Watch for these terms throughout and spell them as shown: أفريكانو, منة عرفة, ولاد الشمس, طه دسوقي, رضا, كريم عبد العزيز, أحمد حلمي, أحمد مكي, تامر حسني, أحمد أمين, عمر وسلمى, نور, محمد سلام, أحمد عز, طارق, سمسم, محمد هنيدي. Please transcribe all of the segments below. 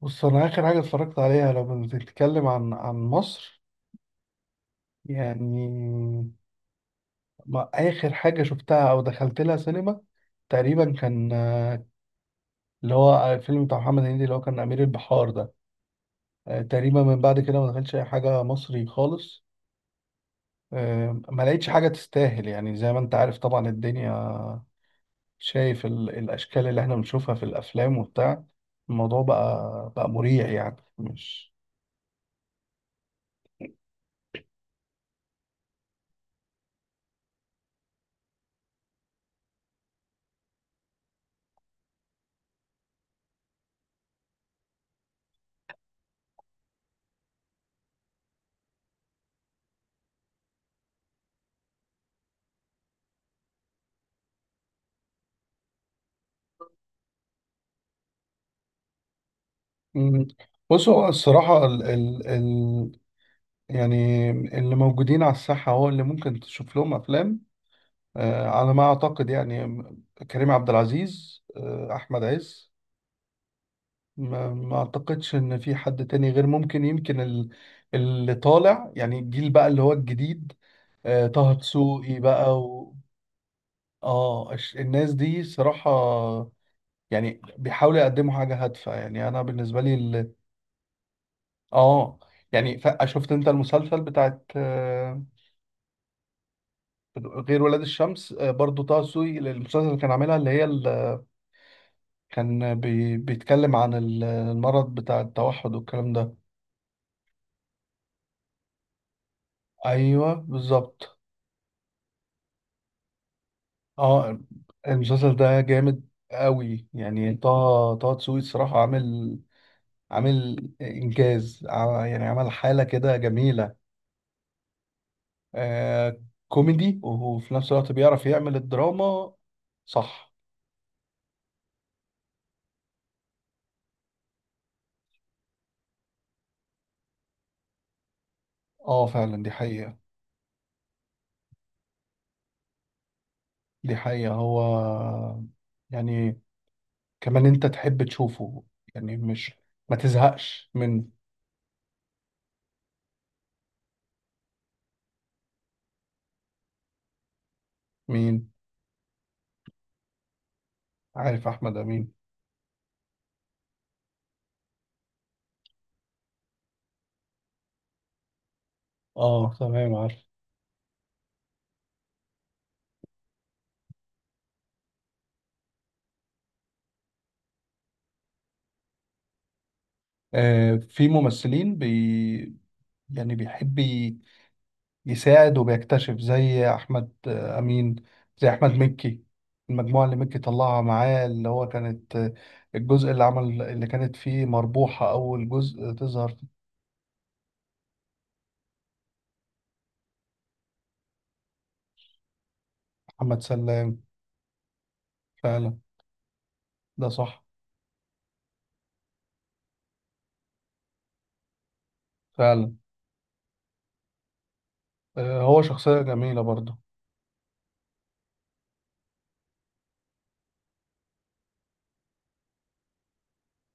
بص انا اخر حاجه اتفرجت عليها لو بنتكلم عن مصر. يعني ما اخر حاجه شفتها او دخلت لها سينما تقريبا كان اللي هو الفيلم بتاع محمد هنيدي اللي هو كان امير البحار ده. تقريبا من بعد كده ما دخلتش اي حاجه مصري خالص. ما لقيتش حاجه تستاهل، يعني زي ما انت عارف طبعا الدنيا، شايف الاشكال اللي احنا بنشوفها في الافلام وبتاع، الموضوع بقى مريع يعني مش. مم. بص هو الصراحة، يعني اللي موجودين على الساحة هو اللي ممكن تشوف لهم أفلام على ما أعتقد يعني. كريم عبد العزيز، أحمد عز. ما أعتقدش إن في حد تاني غير ممكن. يمكن اللي طالع يعني الجيل بقى اللي هو الجديد. طه دسوقي بقى و. الناس دي صراحة. يعني بيحاولوا يقدموا حاجة هادفة، يعني أنا بالنسبة لي آه يعني شفت أنت المسلسل بتاعت غير ولاد الشمس، برضو طه سوي المسلسل اللي كان عاملها، اللي هي اللي كان بيتكلم عن المرض بتاع التوحد والكلام ده. ايوه، بالظبط. اه، المسلسل ده جامد قوي يعني. طه دسوقي الصراحه عامل انجاز، يعني عمل حاله كده جميله. آه كوميدي وفي نفس الوقت بيعرف يعمل الدراما. صح. اه، فعلا دي حقيقه. دي حقيقه، هو يعني كمان انت تحب تشوفه، يعني مش ما تزهقش من. مين؟ عارف احمد امين. اه، تمام عارف. في ممثلين يعني بيحب يساعد وبيكتشف زي احمد امين. زي احمد مكي. المجموعه اللي مكي طلعها معاه، اللي هو كانت الجزء اللي عمل اللي كانت فيه مربوحه اول جزء تظهر في. محمد سلام. فعلا. ده صح. فعلا. هو شخصيه جميله برضه.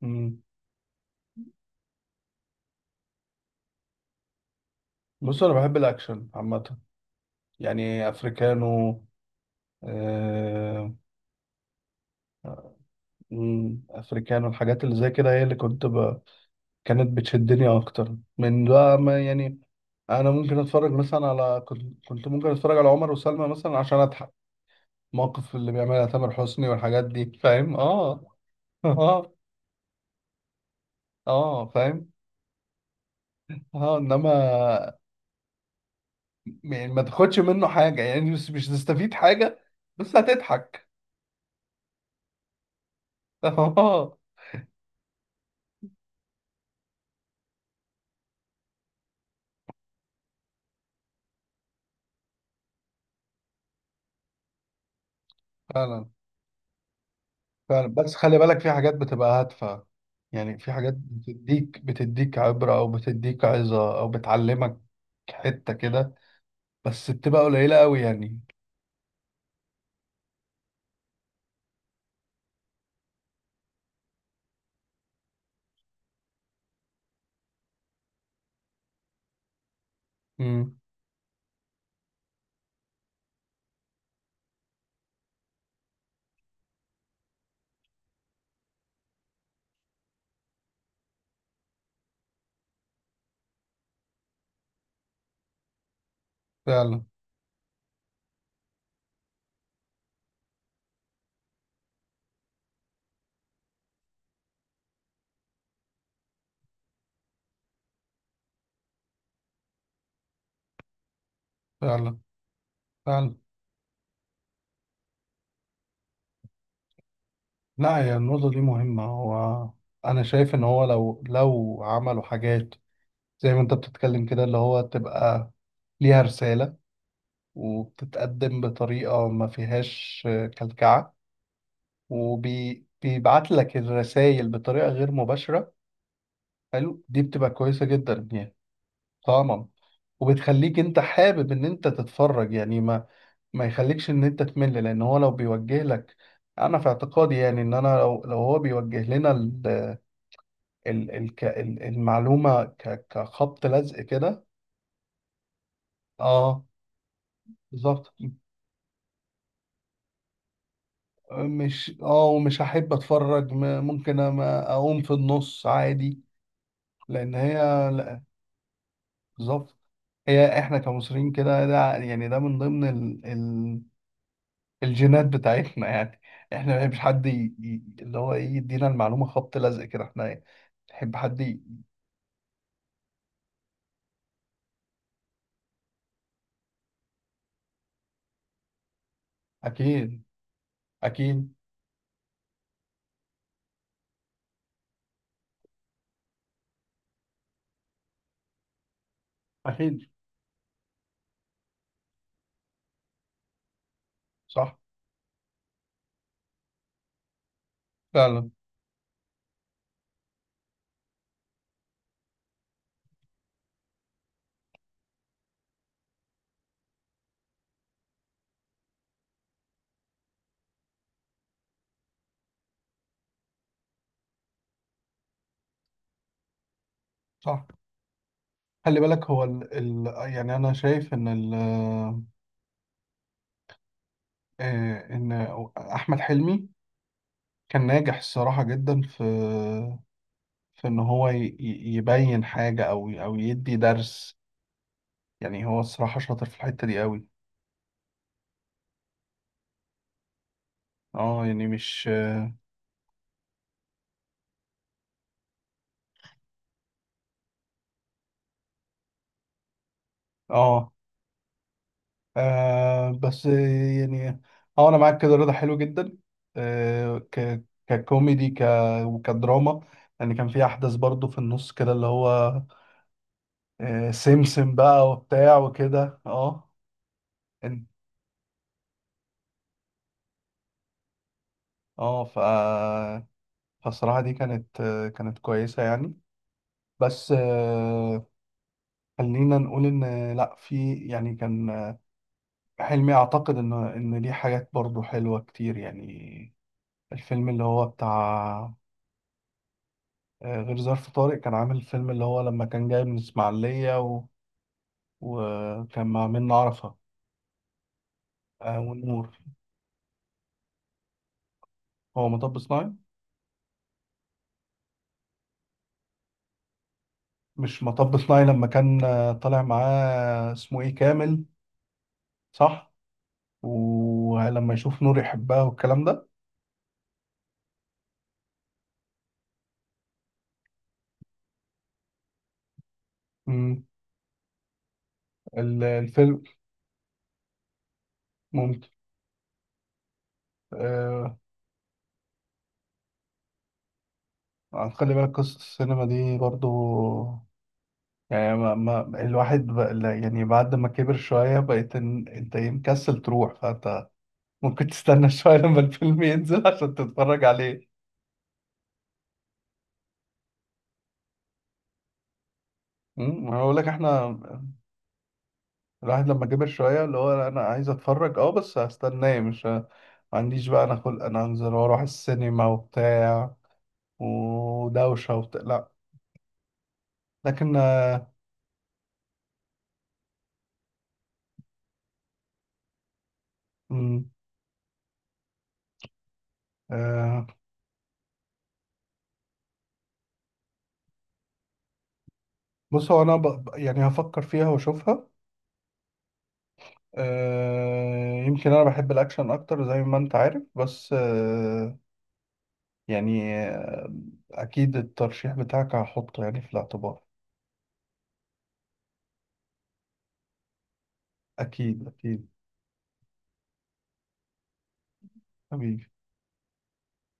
مم. بص انا بحب الاكشن عامه. يعني افريكانو، آه، مم، افريكانو الحاجات اللي زي كده هي اللي كنت كانت بتشدني اكتر من بقى ما يعني. انا ممكن اتفرج مثلا على كنت ممكن اتفرج على عمر وسلمى مثلا عشان اضحك. موقف اللي بيعملها تامر حسني والحاجات دي، فاهم؟ اه. اه، اه، فاهم، اه، انما يعني ما تاخدش منه حاجه، يعني مش هتستفيد حاجه. بس هتضحك. اه، فعلا، فعلا، بس خلي بالك في حاجات بتبقى هادفة. يعني في حاجات بتديك عبرة أو بتديك عظة أو بتعلمك حتة كده. بس بتبقى قليلة أوي يعني. امم، فعلا، فعلا، فعلا. لا، هي النقطة دي مهمة. هو أنا شايف إن هو لو عملوا حاجات زي ما أنت بتتكلم كده، اللي هو تبقى ليها رسالة، وبتتقدم بطريقة ما فيهاش كلكعة، وبيبعت لك الرسائل بطريقة غير مباشرة. حلو، دي بتبقى كويسة جدا يعني. طبعا. وبتخليك انت حابب ان انت تتفرج، يعني ما يخليكش ان انت تمل، لان هو لو بيوجه لك. انا في اعتقادي يعني ان انا لو هو بيوجه لنا المعلومة كخبط لزق كده. اه، بالظبط. مش ومش هحب اتفرج، ممكن أما اقوم في النص عادي. لان هي. لا، بالظبط. هي احنا كمصريين كده، ده يعني ده من ضمن الجينات بتاعتنا يعني. احنا ما بنحبش حد اللي هو ايه يدينا المعلومة خبط لزق كده، احنا نحب حد اكيد، اكيد، اكيد. صح. فعلا. صح. خلي بالك هو يعني انا شايف ان ال... آه، ان احمد حلمي كان ناجح الصراحة جدا في ان هو يبين حاجة او يدي درس. يعني هو الصراحة شاطر في الحتة دي قوي. اه، يعني مش. اه، بس يعني. اه، انا معاك كده، رضا حلو جدا. آه ك ككوميدي وكدراما. يعني كان في احداث برضو في النص كده اللي هو سمسم بقى وبتاع وكده اه. إن- اه فالصراحة دي كانت كويسة يعني. بس خلينا نقول ان لا في، يعني كان حلمي اعتقد ان ليه حاجات برضو حلوة كتير يعني. الفيلم اللي هو بتاع غير ظرف طارق، كان عامل فيلم اللي هو لما كان جاي من الإسماعيلية وكان مع منة عرفة، ونور. هو مطب صناعي. مش مطب صناعي لما كان طالع معاه اسمه إيه كامل. صح. ولما يشوف نور يحبها والكلام ده. مم. الفيلم ممكن. آه، خلي بالك قصة السينما دي برضو، يعني ما الواحد بقى لا، يعني بعد ما كبر شوية بقيت انت إيه، مكسل تروح فانت ممكن تستنى شوية لما الفيلم ينزل عشان تتفرج عليه. انا بقول لك احنا الواحد لما كبر شوية اللي هو انا عايز اتفرج، اه، بس هستناه مش ما عنديش بقى انا خلق انا انزل واروح السينما وبتاع ودوشة وبتاع، لا. لكن مم، آه، بص هو انا يعني هفكر فيها واشوفها. يمكن انا بحب الاكشن اكتر زي ما انت عارف بس يعني اكيد الترشيح بتاعك هحطه يعني في الاعتبار. اكيد، اكيد. حبيبي.